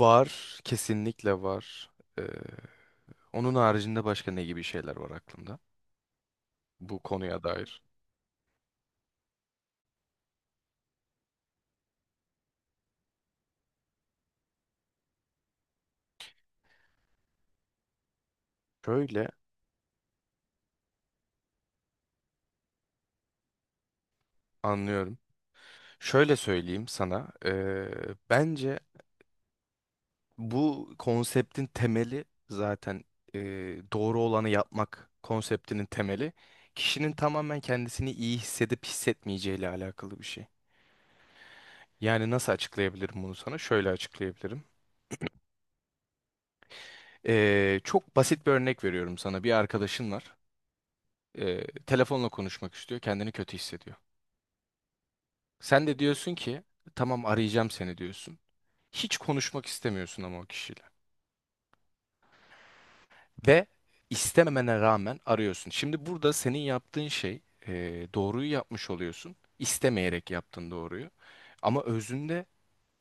Var, kesinlikle var. Ee, Onun haricinde başka ne gibi şeyler var aklımda bu konuya dair? Şöyle anlıyorum. Şöyle söyleyeyim sana. Bence bu konseptin temeli zaten ee, doğru olanı yapmak konseptinin temeli kişinin tamamen kendisini iyi hissedip hissetmeyeceğiyle alakalı bir şey. Yani nasıl açıklayabilirim bunu sana? Şöyle açıklayabilirim. Çok basit bir örnek veriyorum sana. Bir arkadaşın var. Telefonla konuşmak istiyor, kendini kötü hissediyor. Sen de diyorsun ki tamam arayacağım seni diyorsun. Hiç konuşmak istemiyorsun ama o kişiyle. Ve istememene rağmen arıyorsun. Şimdi burada senin yaptığın şey e, doğruyu yapmış oluyorsun. İstemeyerek yaptın doğruyu. Ama özünde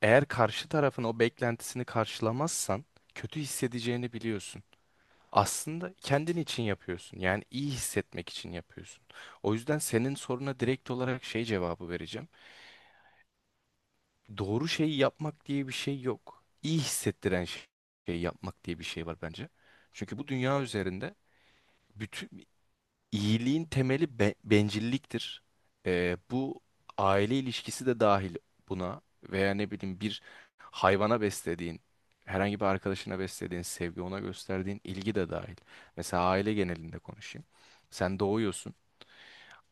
eğer karşı tarafın o beklentisini karşılamazsan kötü hissedeceğini biliyorsun. Aslında kendin için yapıyorsun. Yani iyi hissetmek için yapıyorsun. O yüzden senin soruna direkt olarak şey cevabı vereceğim. Doğru şeyi yapmak diye bir şey yok. Şeyi yapmak diye bir şey var bence. Çünkü bu dünya üzerinde bütün iyiliğin temeli bencilliktir. Bu aile ilişkisi de dahil buna, veya ne bileyim bir hayvana beslediğin, herhangi bir arkadaşına beslediğin sevgi, ona gösterdiğin ilgi de dahil. Mesela aile genelinde konuşayım. Sen doğuyorsun.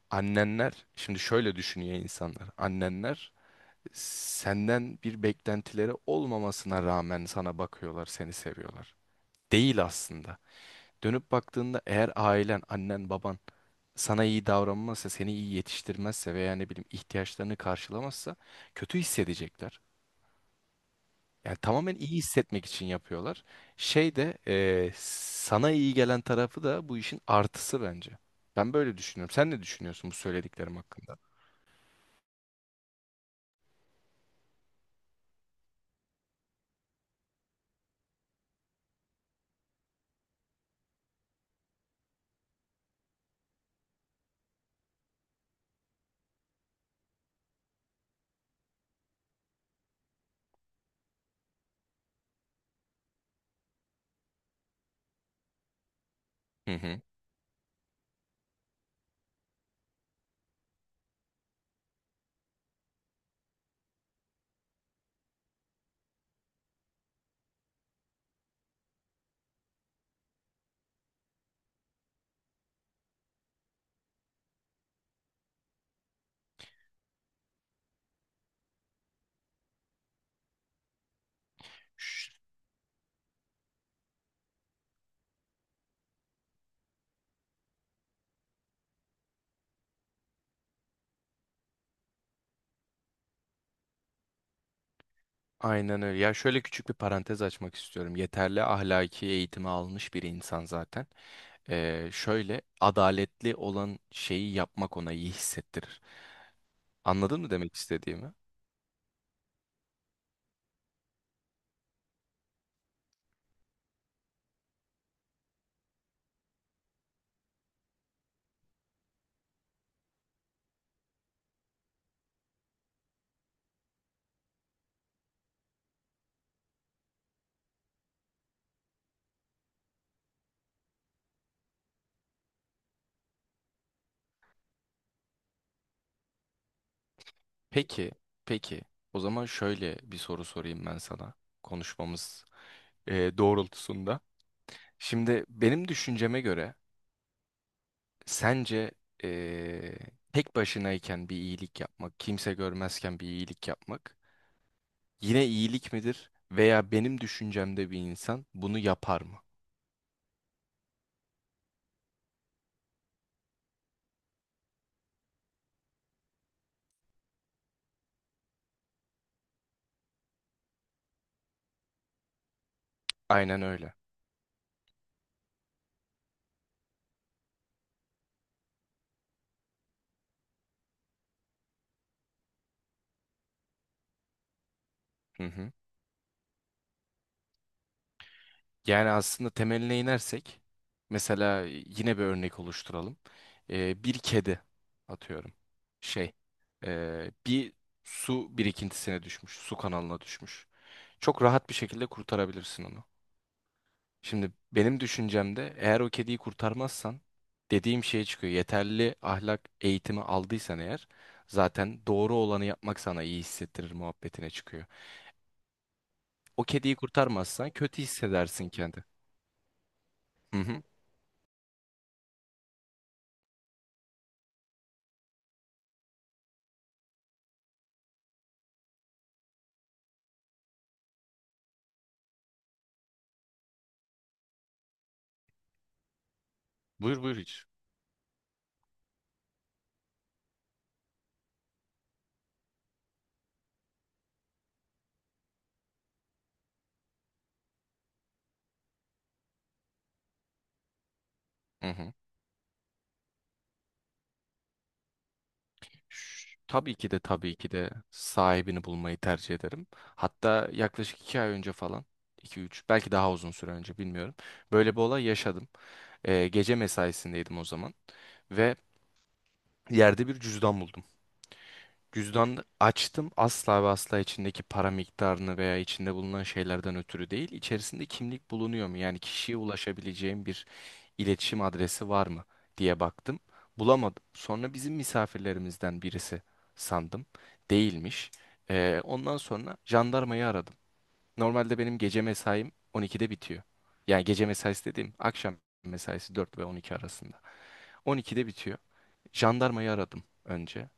Annenler, şimdi şöyle düşünüyor insanlar. Annenler senden bir beklentileri olmamasına rağmen sana bakıyorlar, seni seviyorlar. Değil aslında. Dönüp baktığında eğer ailen, annen, baban sana iyi davranmazsa, seni iyi yetiştirmezse veya ne bileyim ihtiyaçlarını karşılamazsa kötü hissedecekler. Yani tamamen iyi hissetmek için yapıyorlar. Şey de sana iyi gelen tarafı da bu işin artısı bence. Ben böyle düşünüyorum. Sen ne düşünüyorsun bu söylediklerim hakkında? Hı hı. Aynen öyle. Ya şöyle küçük bir parantez açmak istiyorum. Yeterli ahlaki eğitimi almış bir insan zaten. Şöyle adaletli olan şeyi yapmak ona iyi hissettirir. Anladın mı demek istediğimi? Peki, peki. O zaman şöyle bir soru sorayım ben sana konuşmamız doğrultusunda. Şimdi benim düşünceme göre sence e, tek başınayken bir iyilik yapmak, kimse görmezken bir iyilik yapmak yine iyilik midir? Veya benim düşüncemde bir insan bunu yapar mı? Aynen öyle. Hı hı. Yani aslında temeline inersek, mesela yine bir örnek oluşturalım. Bir kedi atıyorum. Şey, bir su birikintisine düşmüş, su kanalına düşmüş. Çok rahat bir şekilde kurtarabilirsin onu. Şimdi benim düşüncemde eğer o kediyi kurtarmazsan dediğim şeye çıkıyor. Yeterli ahlak eğitimi aldıysan eğer zaten doğru olanı yapmak sana iyi hissettirir muhabbetine çıkıyor. O kediyi kurtarmazsan kötü hissedersin kendi. Hı hı. Buyur buyur hiç. Hı hı. Tabii ki de tabii ki de sahibini bulmayı tercih ederim. Hatta yaklaşık 2 ay önce falan, 2 3 belki daha uzun süre önce bilmiyorum. Böyle bir olay yaşadım. Gece mesaisindeydim o zaman ve yerde bir cüzdan buldum. Cüzdan açtım asla ve asla içindeki para miktarını veya içinde bulunan şeylerden ötürü değil. İçerisinde kimlik bulunuyor mu? Yani kişiye ulaşabileceğim bir iletişim adresi var mı diye baktım. Bulamadım. Sonra bizim misafirlerimizden birisi sandım. Değilmiş. Ondan sonra jandarmayı aradım. Normalde benim gece mesaim 12'de bitiyor. Yani gece mesaisi dediğim akşam mesaisi 4 ve 12 arasında. 12'de bitiyor. Jandarmayı aradım önce.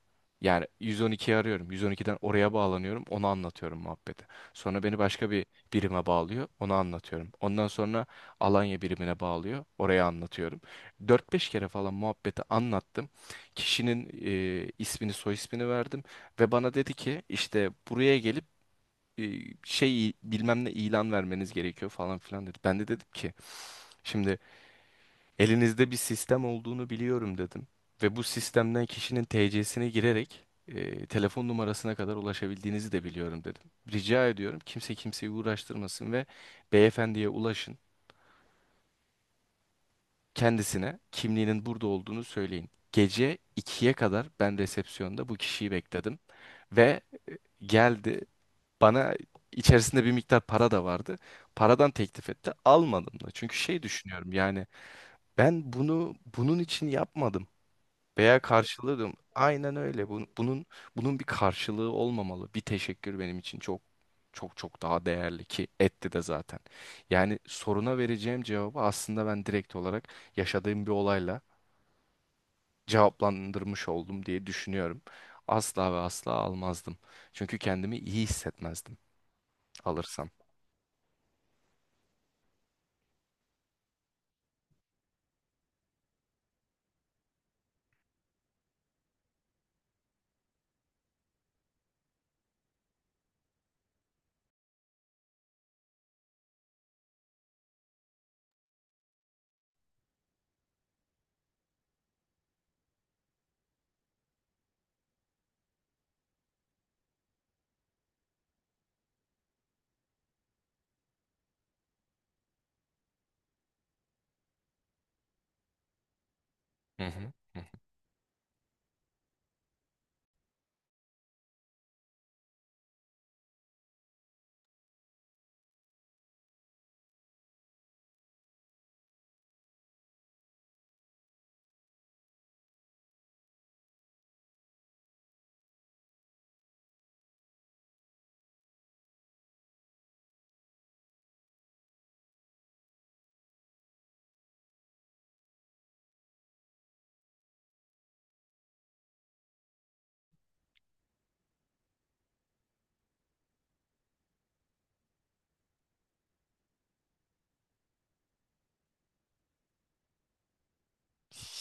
Yani 112'yi arıyorum. 112'den oraya bağlanıyorum. Onu anlatıyorum muhabbeti. Sonra beni başka bir birime bağlıyor. Onu anlatıyorum. Ondan sonra Alanya birimine bağlıyor. Oraya anlatıyorum. 4 5 kere falan muhabbeti anlattım. Kişinin ismini, soy ismini verdim. Ve bana dedi ki işte buraya gelip e, şey bilmem ne ilan vermeniz gerekiyor falan filan dedi. Ben de dedim ki şimdi elinizde bir sistem olduğunu biliyorum dedim. Ve bu sistemden kişinin TC'sine girerek telefon numarasına kadar ulaşabildiğinizi de biliyorum dedim. Rica ediyorum kimse kimseyi uğraştırmasın ve beyefendiye ulaşın. Kendisine kimliğinin burada olduğunu söyleyin. Gece ikiye kadar ben resepsiyonda bu kişiyi bekledim ve geldi bana, içerisinde bir miktar para da vardı. Paradan teklif etti. Almadım da. Çünkü şey düşünüyorum yani ben bunu bunun için yapmadım. Aynen öyle. Bunun bir karşılığı olmamalı. Bir teşekkür benim için çok çok daha değerli ki etti de zaten. Yani soruna vereceğim cevabı aslında ben direkt olarak yaşadığım bir olayla cevaplandırmış oldum diye düşünüyorum. Asla ve asla almazdım. Çünkü kendimi iyi hissetmezdim alırsam. Hı hı. Hı hı.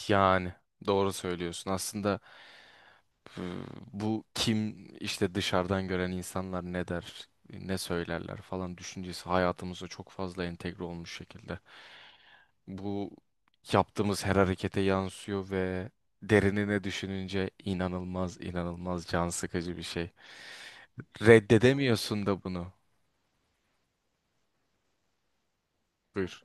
Yani doğru söylüyorsun. Aslında e, bu kim işte dışarıdan gören insanlar ne der, ne söylerler falan düşüncesi hayatımıza çok fazla entegre olmuş şekilde. Bu yaptığımız her harekete yansıyor ve derinine düşününce inanılmaz can sıkıcı bir şey. Reddedemiyorsun da bunu. Buyur.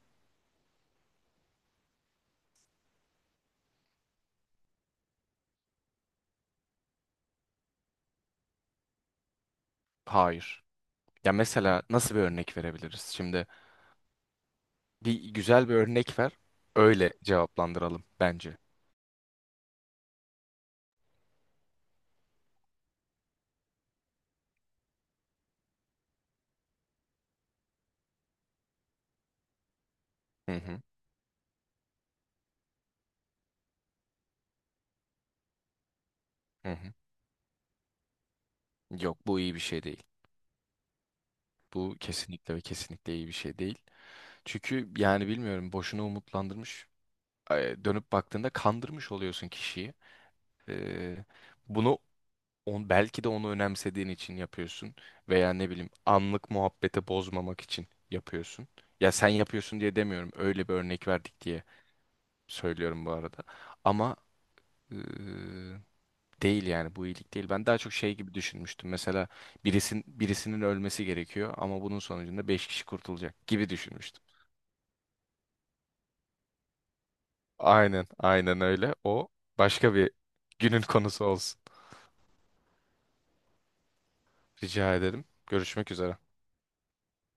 Hayır. Ya mesela nasıl bir örnek verebiliriz? Şimdi bir güzel bir örnek ver. Öyle cevaplandıralım bence. Hı hı, hı hı. Yok bu iyi bir şey değil. Bu kesinlikle ve kesinlikle iyi bir şey değil. Çünkü yani bilmiyorum boşuna umutlandırmış. Dönüp baktığında kandırmış oluyorsun kişiyi. E, Bunu belki de onu önemsediğin için yapıyorsun. Veya ne bileyim anlık muhabbete bozmamak için yapıyorsun. Ya sen yapıyorsun diye demiyorum. Öyle bir örnek verdik diye söylüyorum bu arada. Ama değil yani bu iyilik değil. Ben daha çok şey gibi düşünmüştüm. Mesela birisinin ölmesi gerekiyor ama bunun sonucunda 5 kişi kurtulacak gibi düşünmüştüm. Aynen, aynen öyle. O başka bir günün konusu olsun. Rica ederim. Görüşmek üzere.